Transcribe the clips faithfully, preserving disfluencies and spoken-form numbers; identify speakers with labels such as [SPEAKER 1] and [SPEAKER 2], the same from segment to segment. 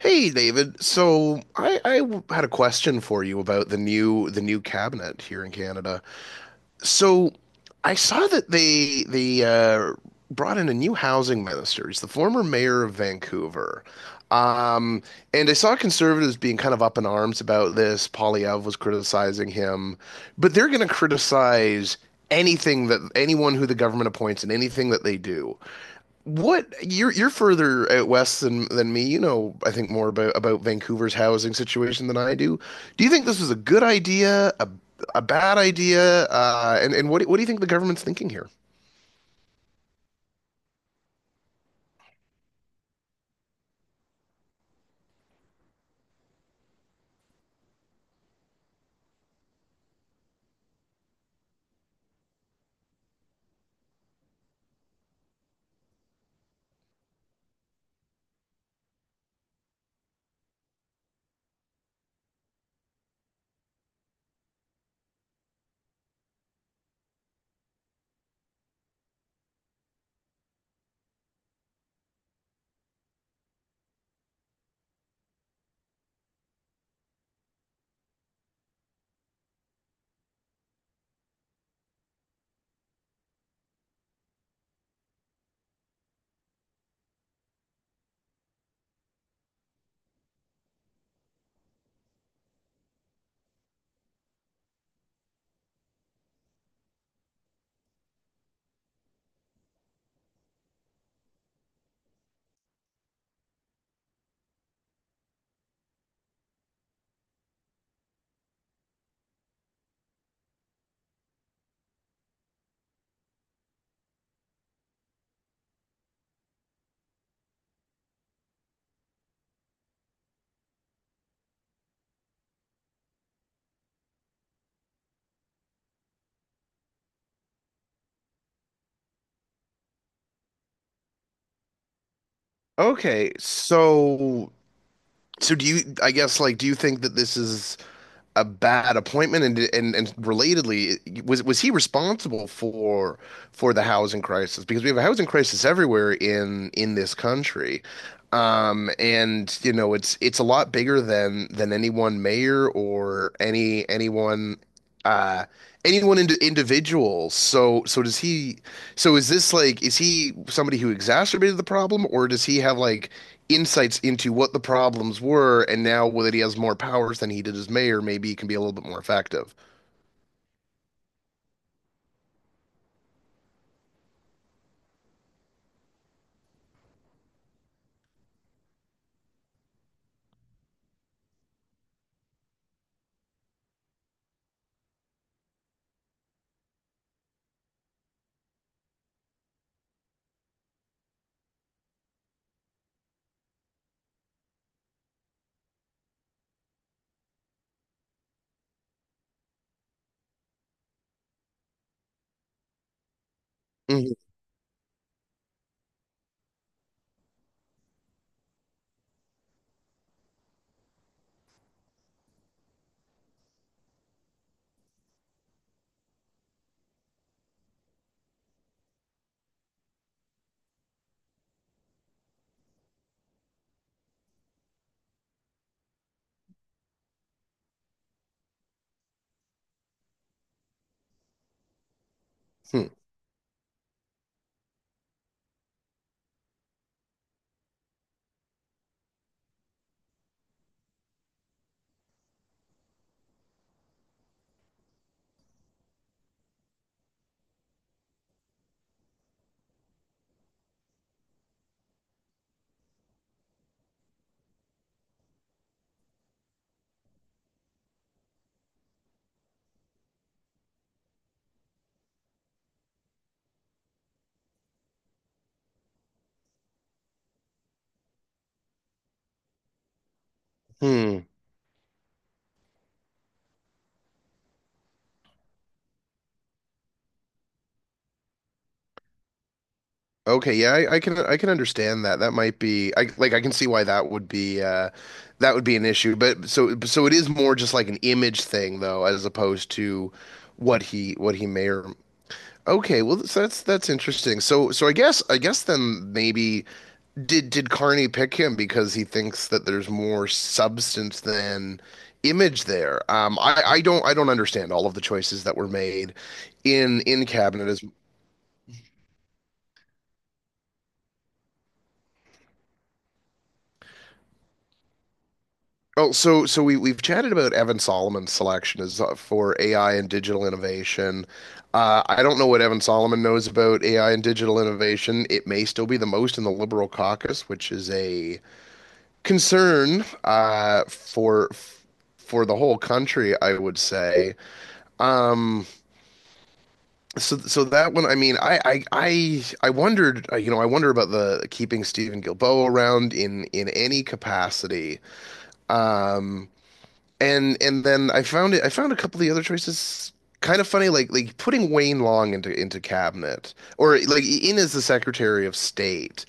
[SPEAKER 1] Hey David, so I, I w- had a question for you about the new the new cabinet here in Canada. So I saw that they they uh, brought in a new housing minister. He's the former mayor of Vancouver, um, and I saw conservatives being kind of up in arms about this. Polyev was criticizing him, but they're going to criticize anything that anyone who the government appoints and anything that they do. What you're you're further out west than than me. You know, I think more about about Vancouver's housing situation than I do. Do you think this was a good idea, a a bad idea, uh, and and what what do you think the government's thinking here? Okay, so So do you, I guess, like, do you think that this is a bad appointment? And and and relatedly, was was he responsible for for the housing crisis? Because we have a housing crisis everywhere in in this country. Um, and you know, it's it's a lot bigger than than any one mayor or any anyone uh anyone into individual. So so does he so is this like is he somebody who exacerbated the problem or does he have like insights into what the problems were, and now that he has more powers than he did as mayor, maybe he can be a little bit more effective. Mm-hmm. Hmm. Okay, yeah, I, I can I can understand that. That might be I like I can see why that would be uh that would be an issue. But so so it is more just like an image thing though, as opposed to what he what he may or okay, well that's that's that's interesting. So so I guess I guess then maybe Did did Carney pick him because he thinks that there's more substance than image there? Um, I, I don't I don't understand all of the choices that were made in in cabinet as oh so so we we've chatted about Evan Solomon's selection as uh, for A I and digital innovation. Uh, I don't know what Evan Solomon knows about A I and digital innovation. It may still be the most in the Liberal caucus, which is a concern uh, for for the whole country, I would say. Mm, So, so that one, I mean, I, I, I, I wondered, uh, you know, I wonder about the keeping Stephen Gilboa around in in any capacity. Mm. and and then I found it. I found a couple of the other choices kind of funny, like like putting Wayne Long into into cabinet or like in as the Secretary of State.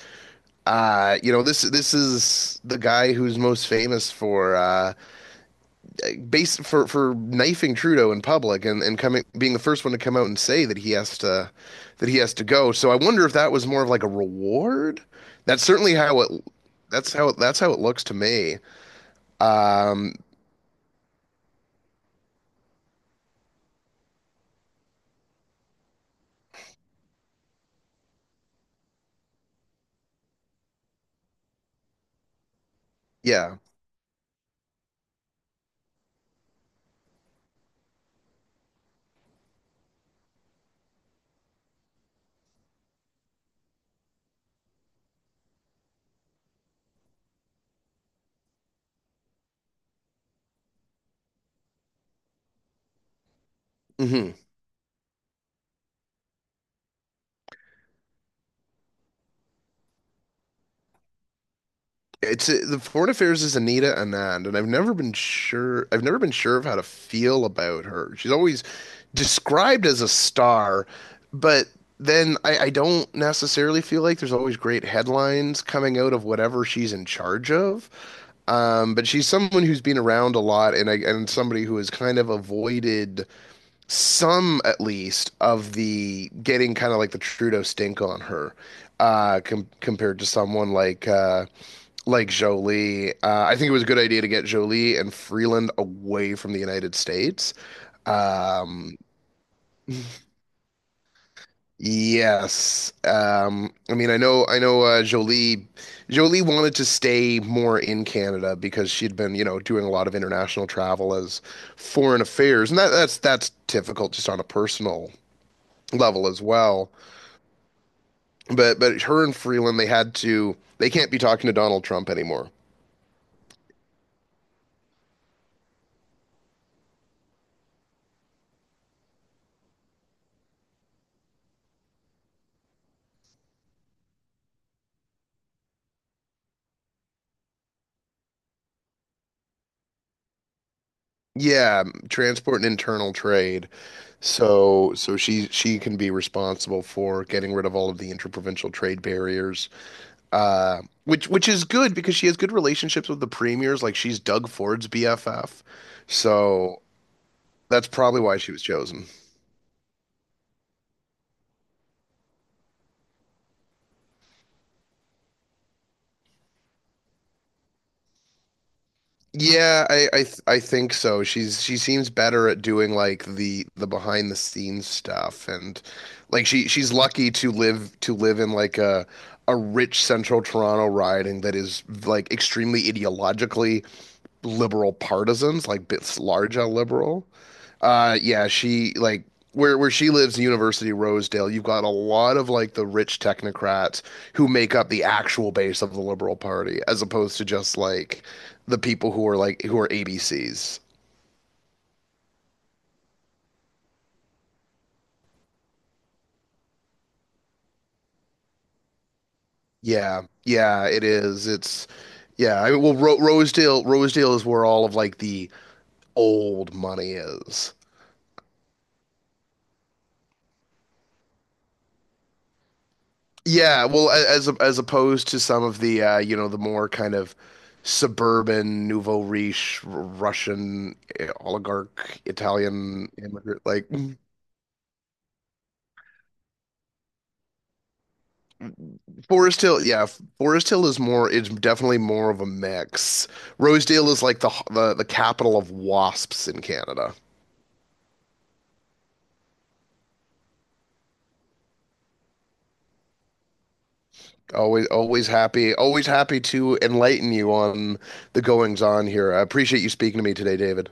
[SPEAKER 1] Uh, you know, this this is the guy who's most famous for uh, base for for knifing Trudeau in public and and coming being the first one to come out and say that he has to that he has to go. So I wonder if that was more of like a reward. That's certainly how it. That's how that's how it looks to me. Um, yeah. Hmm. It's uh, the Foreign Affairs is Anita Anand, and I've never been sure. I've never been sure of how to feel about her. She's always described as a star, but then I, I don't necessarily feel like there's always great headlines coming out of whatever she's in charge of. Um, but she's someone who's been around a lot, and I, and somebody who has kind of avoided some, at least, of the getting kind of like the Trudeau stink on her, uh, com compared to someone like. Uh, like Jolie. Uh, I think it was a good idea to get Jolie and Freeland away from the United States. Um, yes. Um, I mean, I know, I know, uh, Jolie, Jolie wanted to stay more in Canada because she'd been, you know, doing a lot of international travel as foreign affairs, and that, that's that's difficult just on a personal level as well. But but her and Freeland, they had to, they can't be talking to Donald Trump anymore. Yeah, transport and internal trade. So so she she can be responsible for getting rid of all of the interprovincial trade barriers. Uh which which is good because she has good relationships with the premiers, like she's Doug Ford's B F F. So that's probably why she was chosen. Yeah, I I th- I think so. She's she seems better at doing like the the behind the scenes stuff, and like she she's lucky to live to live in like a a rich central Toronto riding that is like extremely ideologically liberal partisans, like bits large L liberal. Uh, yeah, she like where where she lives, University of Rosedale. You've got a lot of like the rich technocrats who make up the actual base of the Liberal Party, as opposed to just like the people who are like who are A B Cs. Yeah, yeah, it is. It's Yeah. I mean, well, Ro Rosedale Rosedale is where all of like the old money is. Yeah, well, a- as as opposed to some of the uh, you know, the more kind of suburban nouveau riche R- Russian eh, oligarch Italian immigrant like mm, Forest Hill, yeah, Forest Hill is more it's definitely more of a mix. Rosedale is like the h- the, the capital of wasps in Canada. Always always happy, always happy to enlighten you on the goings on here. I appreciate you speaking to me today, David.